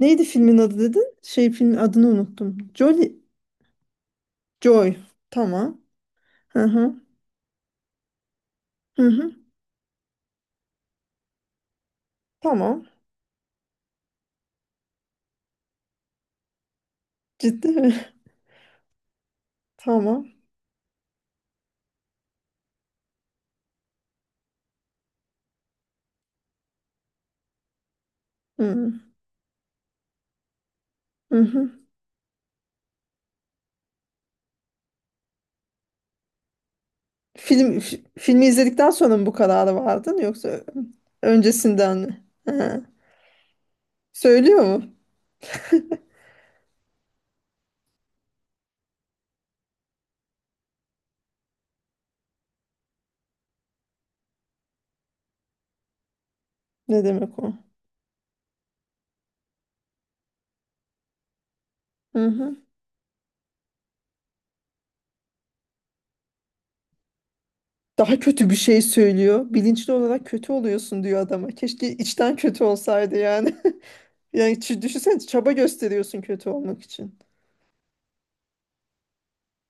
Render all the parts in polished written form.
Neydi filmin adı dedin? Şey, filmin adını unuttum. Jolly Joy. Tamam. Hı hı. Hı hı. Tamam. Ciddi mi? Tamam. Hı hı. Hı. Film filmi izledikten sonra mı bu kararı vardın yoksa öncesinden mi? Hı. Söylüyor mu? Ne demek o? Hı hı. Daha kötü bir şey söylüyor. Bilinçli olarak kötü oluyorsun diyor adama. Keşke içten kötü olsaydı yani. Yani düşünsene, çaba gösteriyorsun kötü olmak için.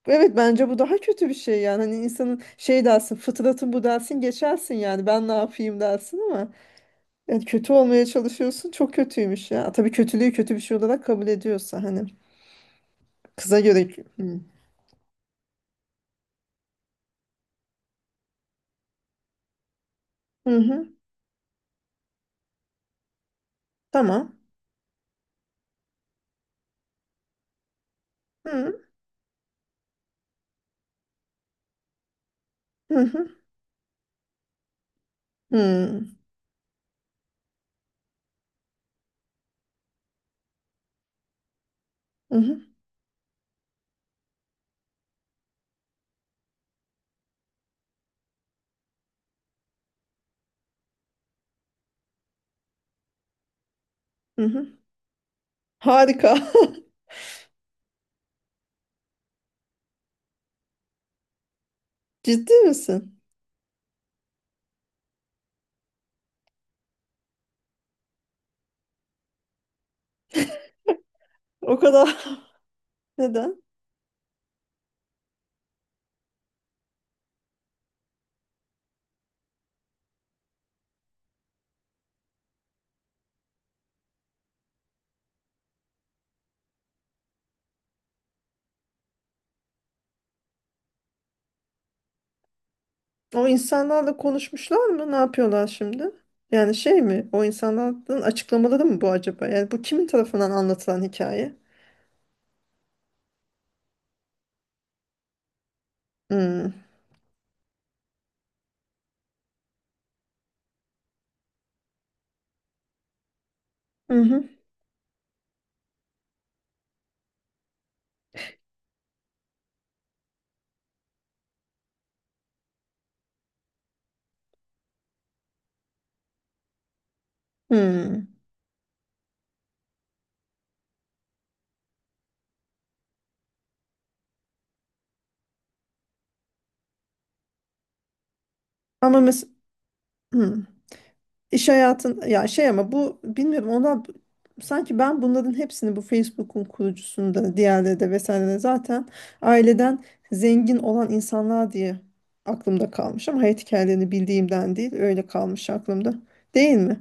Evet, bence bu daha kötü bir şey yani, hani insanın şey dersin, fıtratın bu dersin, geçersin yani, ben ne yapayım dersin ama yani kötü olmaya çalışıyorsun, çok kötüymüş ya. Tabii kötülüğü kötü bir şey olarak kabul ediyorsa hani, kıza göre. Hı hı. Hı. Tamam. Hı hı hı. Hı hı hı. Hı. Hı. Harika. Ciddi misin? O kadar. Neden? O insanlarla konuşmuşlar mı? Ne yapıyorlar şimdi? Yani şey mi? O insanların açıklamaları mı bu acaba? Yani bu kimin tarafından anlatılan hikaye? Hmm. Hı hı. Hmm. Ama mesela iş hayatın ya şey, ama bu bilmiyorum, ona sanki ben bunların hepsini, bu Facebook'un kurucusunda diğerleri de vesaire de zaten aileden zengin olan insanlar diye aklımda kalmış, ama hayat hikayelerini bildiğimden değil, öyle kalmış aklımda. Değil mi?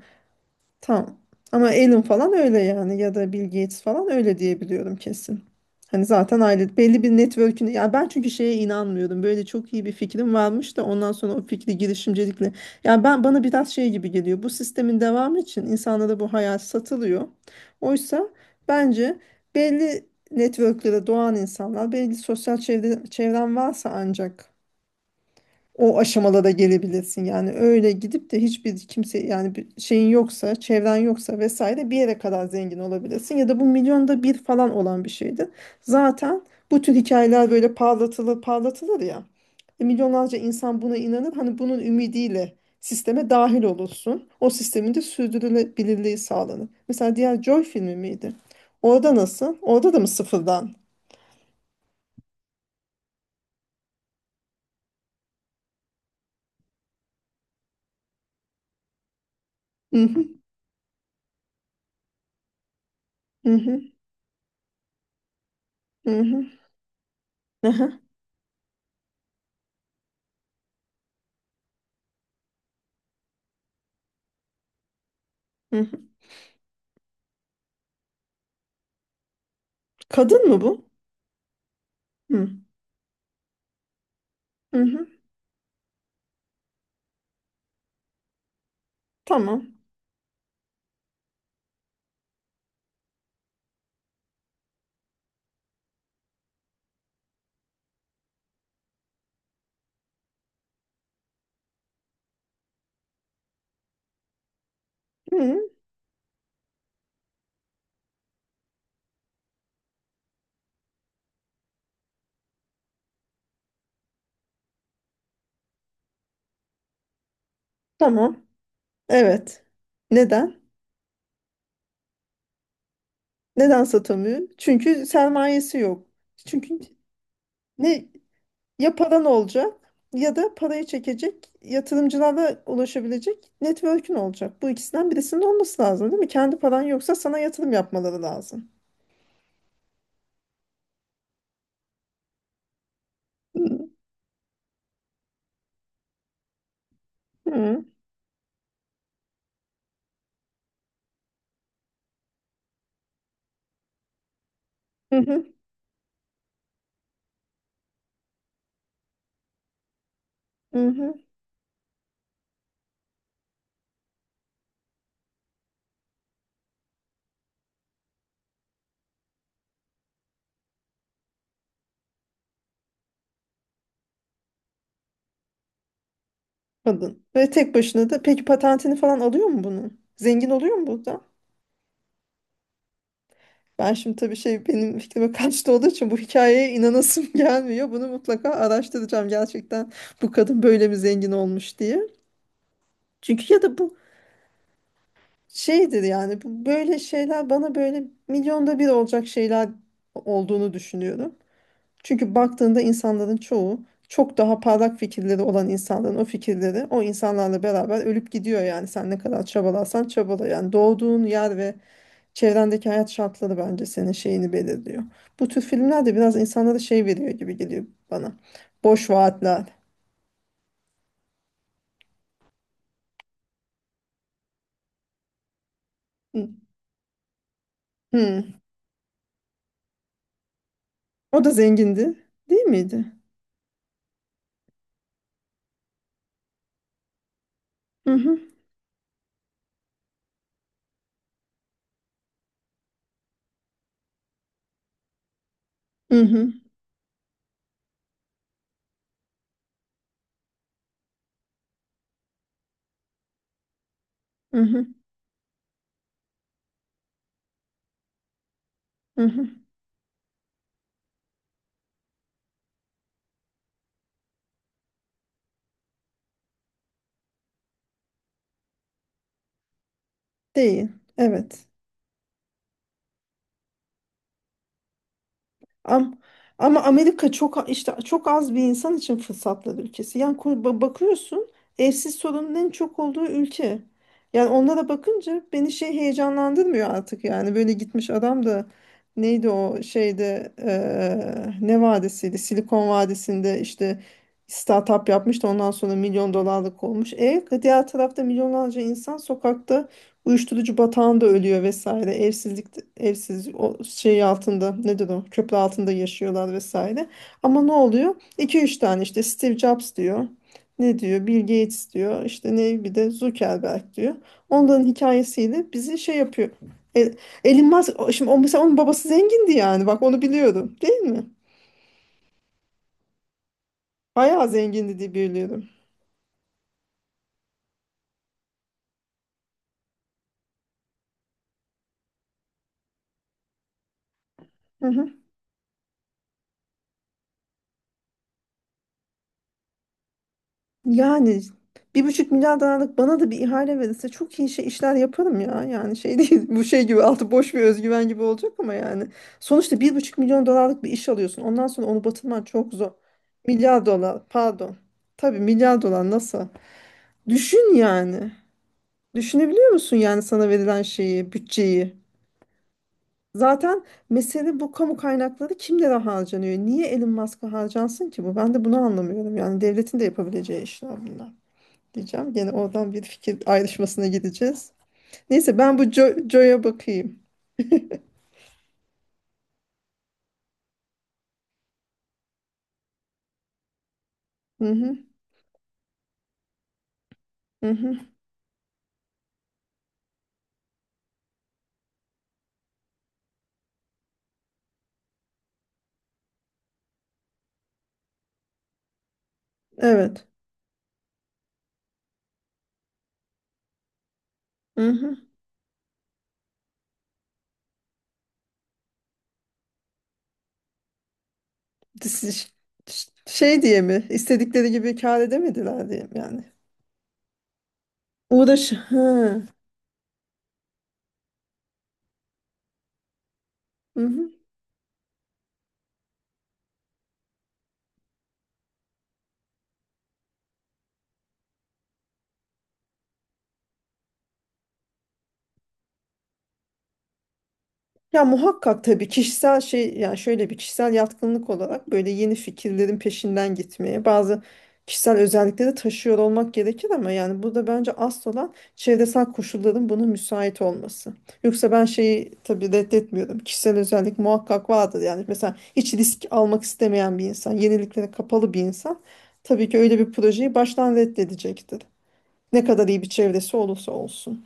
Tamam. Ama Alan falan öyle yani, ya da Bill Gates falan öyle diye biliyorum kesin. Hani zaten aile belli bir network'ün, ya ben çünkü şeye inanmıyordum. Böyle çok iyi bir fikrim varmış da ondan sonra o fikri girişimcilikle. Ya ben, bana biraz şey gibi geliyor. Bu sistemin devamı için insanlara bu hayal satılıyor. Oysa bence belli network'lere doğan insanlar, belli sosyal çevre, çevren varsa ancak o aşamada da gelebilirsin. Yani öyle gidip de hiçbir kimse yani, bir şeyin yoksa, çevren yoksa vesaire, bir yere kadar zengin olabilirsin. Ya da bu milyonda bir falan olan bir şeydi. Zaten bu tür hikayeler böyle parlatılır parlatılır ya. Milyonlarca insan buna inanır. Hani bunun ümidiyle sisteme dahil olursun. O sistemin de sürdürülebilirliği sağlanır. Mesela diğer Joy filmi miydi? Orada nasıl? Orada da mı sıfırdan? Hı hı, hı hı, hı hı, hı hı hı. Kadın mı bu? Hı. Hı hı. Tamam. Hı hı. Tamam. Evet. Neden? Neden satamıyor? Çünkü sermayesi yok. Çünkü ne, ya paran olacak ya da parayı çekecek yatırımcılara ulaşabilecek network'ün olacak. Bu ikisinden birisinin olması lazım, değil mi? Kendi paran yoksa sana yatırım yapmaları lazım. Hı hı. Hı hı. Hı hı. Kadın. Ve tek başına da, peki patentini falan alıyor mu bunun? Zengin oluyor mu burada? Ben şimdi tabii şey, benim fikrime kaçtı olduğu için bu hikayeye inanasım gelmiyor. Bunu mutlaka araştıracağım gerçekten, bu kadın böyle mi zengin olmuş diye. Çünkü ya da bu şeydir yani, bu böyle şeyler bana böyle milyonda bir olacak şeyler olduğunu düşünüyorum. Çünkü baktığında insanların çoğu, çok daha parlak fikirleri olan insanların o fikirleri o insanlarla beraber ölüp gidiyor yani. Sen ne kadar çabalarsan çabala yani, doğduğun yer ve çevrendeki hayat şartları bence senin şeyini belirliyor. Bu tür filmler de biraz insanlara şey veriyor gibi geliyor bana. Boş vaatler. Hı. Hı. O da zengindi, değil miydi? Hı hı. Hı hı. Hı hı. Hı hı. Değil. Evet. Am Ama Amerika çok işte, çok az bir insan için fırsatlar ülkesi. Yani bakıyorsun, evsiz sorunun en çok olduğu ülke. Yani onlara bakınca beni şey heyecanlandırmıyor artık yani, böyle gitmiş adam da neydi o şeyde ne vadisiydi, Silikon Vadisi'nde işte startup yapmış da ondan sonra milyon dolarlık olmuş. E, diğer tarafta milyonlarca insan sokakta uyuşturucu batağında ölüyor vesaire. Evsizlik, evsiz, o şey altında nedir, o köprü altında yaşıyorlar vesaire. Ama ne oluyor? 2 üç tane işte Steve Jobs diyor. Ne diyor? Bill Gates diyor. İşte ne, bir de Zuckerberg diyor. Onların hikayesiyle bizi şey yapıyor. E, Elon Musk şimdi o, mesela onun babası zengindi yani. Bak, onu biliyorum. Değil mi? Bayağı zengindi diye biliyorum. Hı hı. Yani 1,5 milyar dolarlık bana da bir ihale verirse çok iyi şey, işler yaparım ya. Yani şey değil bu, şey gibi altı boş bir özgüven gibi olacak ama yani. Sonuçta 1,5 milyon dolarlık bir iş alıyorsun. Ondan sonra onu batırman çok zor. Milyar dolar, pardon. Tabii milyar dolar, nasıl? Düşün yani. Düşünebiliyor musun yani sana verilen şeyi, bütçeyi? Zaten mesele bu, kamu kaynakları kimlere harcanıyor? Niye Elon Musk'a harcansın ki bu? Ben de bunu anlamıyorum. Yani devletin de yapabileceği işler bunlar diyeceğim. Gene oradan bir fikir ayrışmasına gideceğiz. Neyse, ben bu Jo'ya bakayım. Hı hı, hı hı. Evet. Hı hı. Dis- ş- Şey diye mi? İstedikleri gibi kâr edemediler diye mi yani? Uğraş. Hı. Hı hı. Ya muhakkak tabii kişisel şey yani, şöyle bir kişisel yatkınlık olarak böyle yeni fikirlerin peşinden gitmeye bazı kişisel özellikleri taşıyor olmak gerekir, ama yani burada bence asıl olan çevresel koşulların buna müsait olması. Yoksa ben şeyi tabii reddetmiyorum. Kişisel özellik muhakkak vardır yani, mesela hiç risk almak istemeyen bir insan, yeniliklere kapalı bir insan tabii ki öyle bir projeyi baştan reddedecektir. Ne kadar iyi bir çevresi olursa olsun.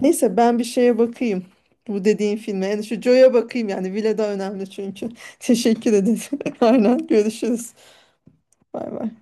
Neyse, ben bir şeye bakayım. Bu dediğin filme. Yani şu Joe'ya bakayım yani. Vile daha önemli çünkü. Teşekkür ederim. Aynen, görüşürüz. Bay bay.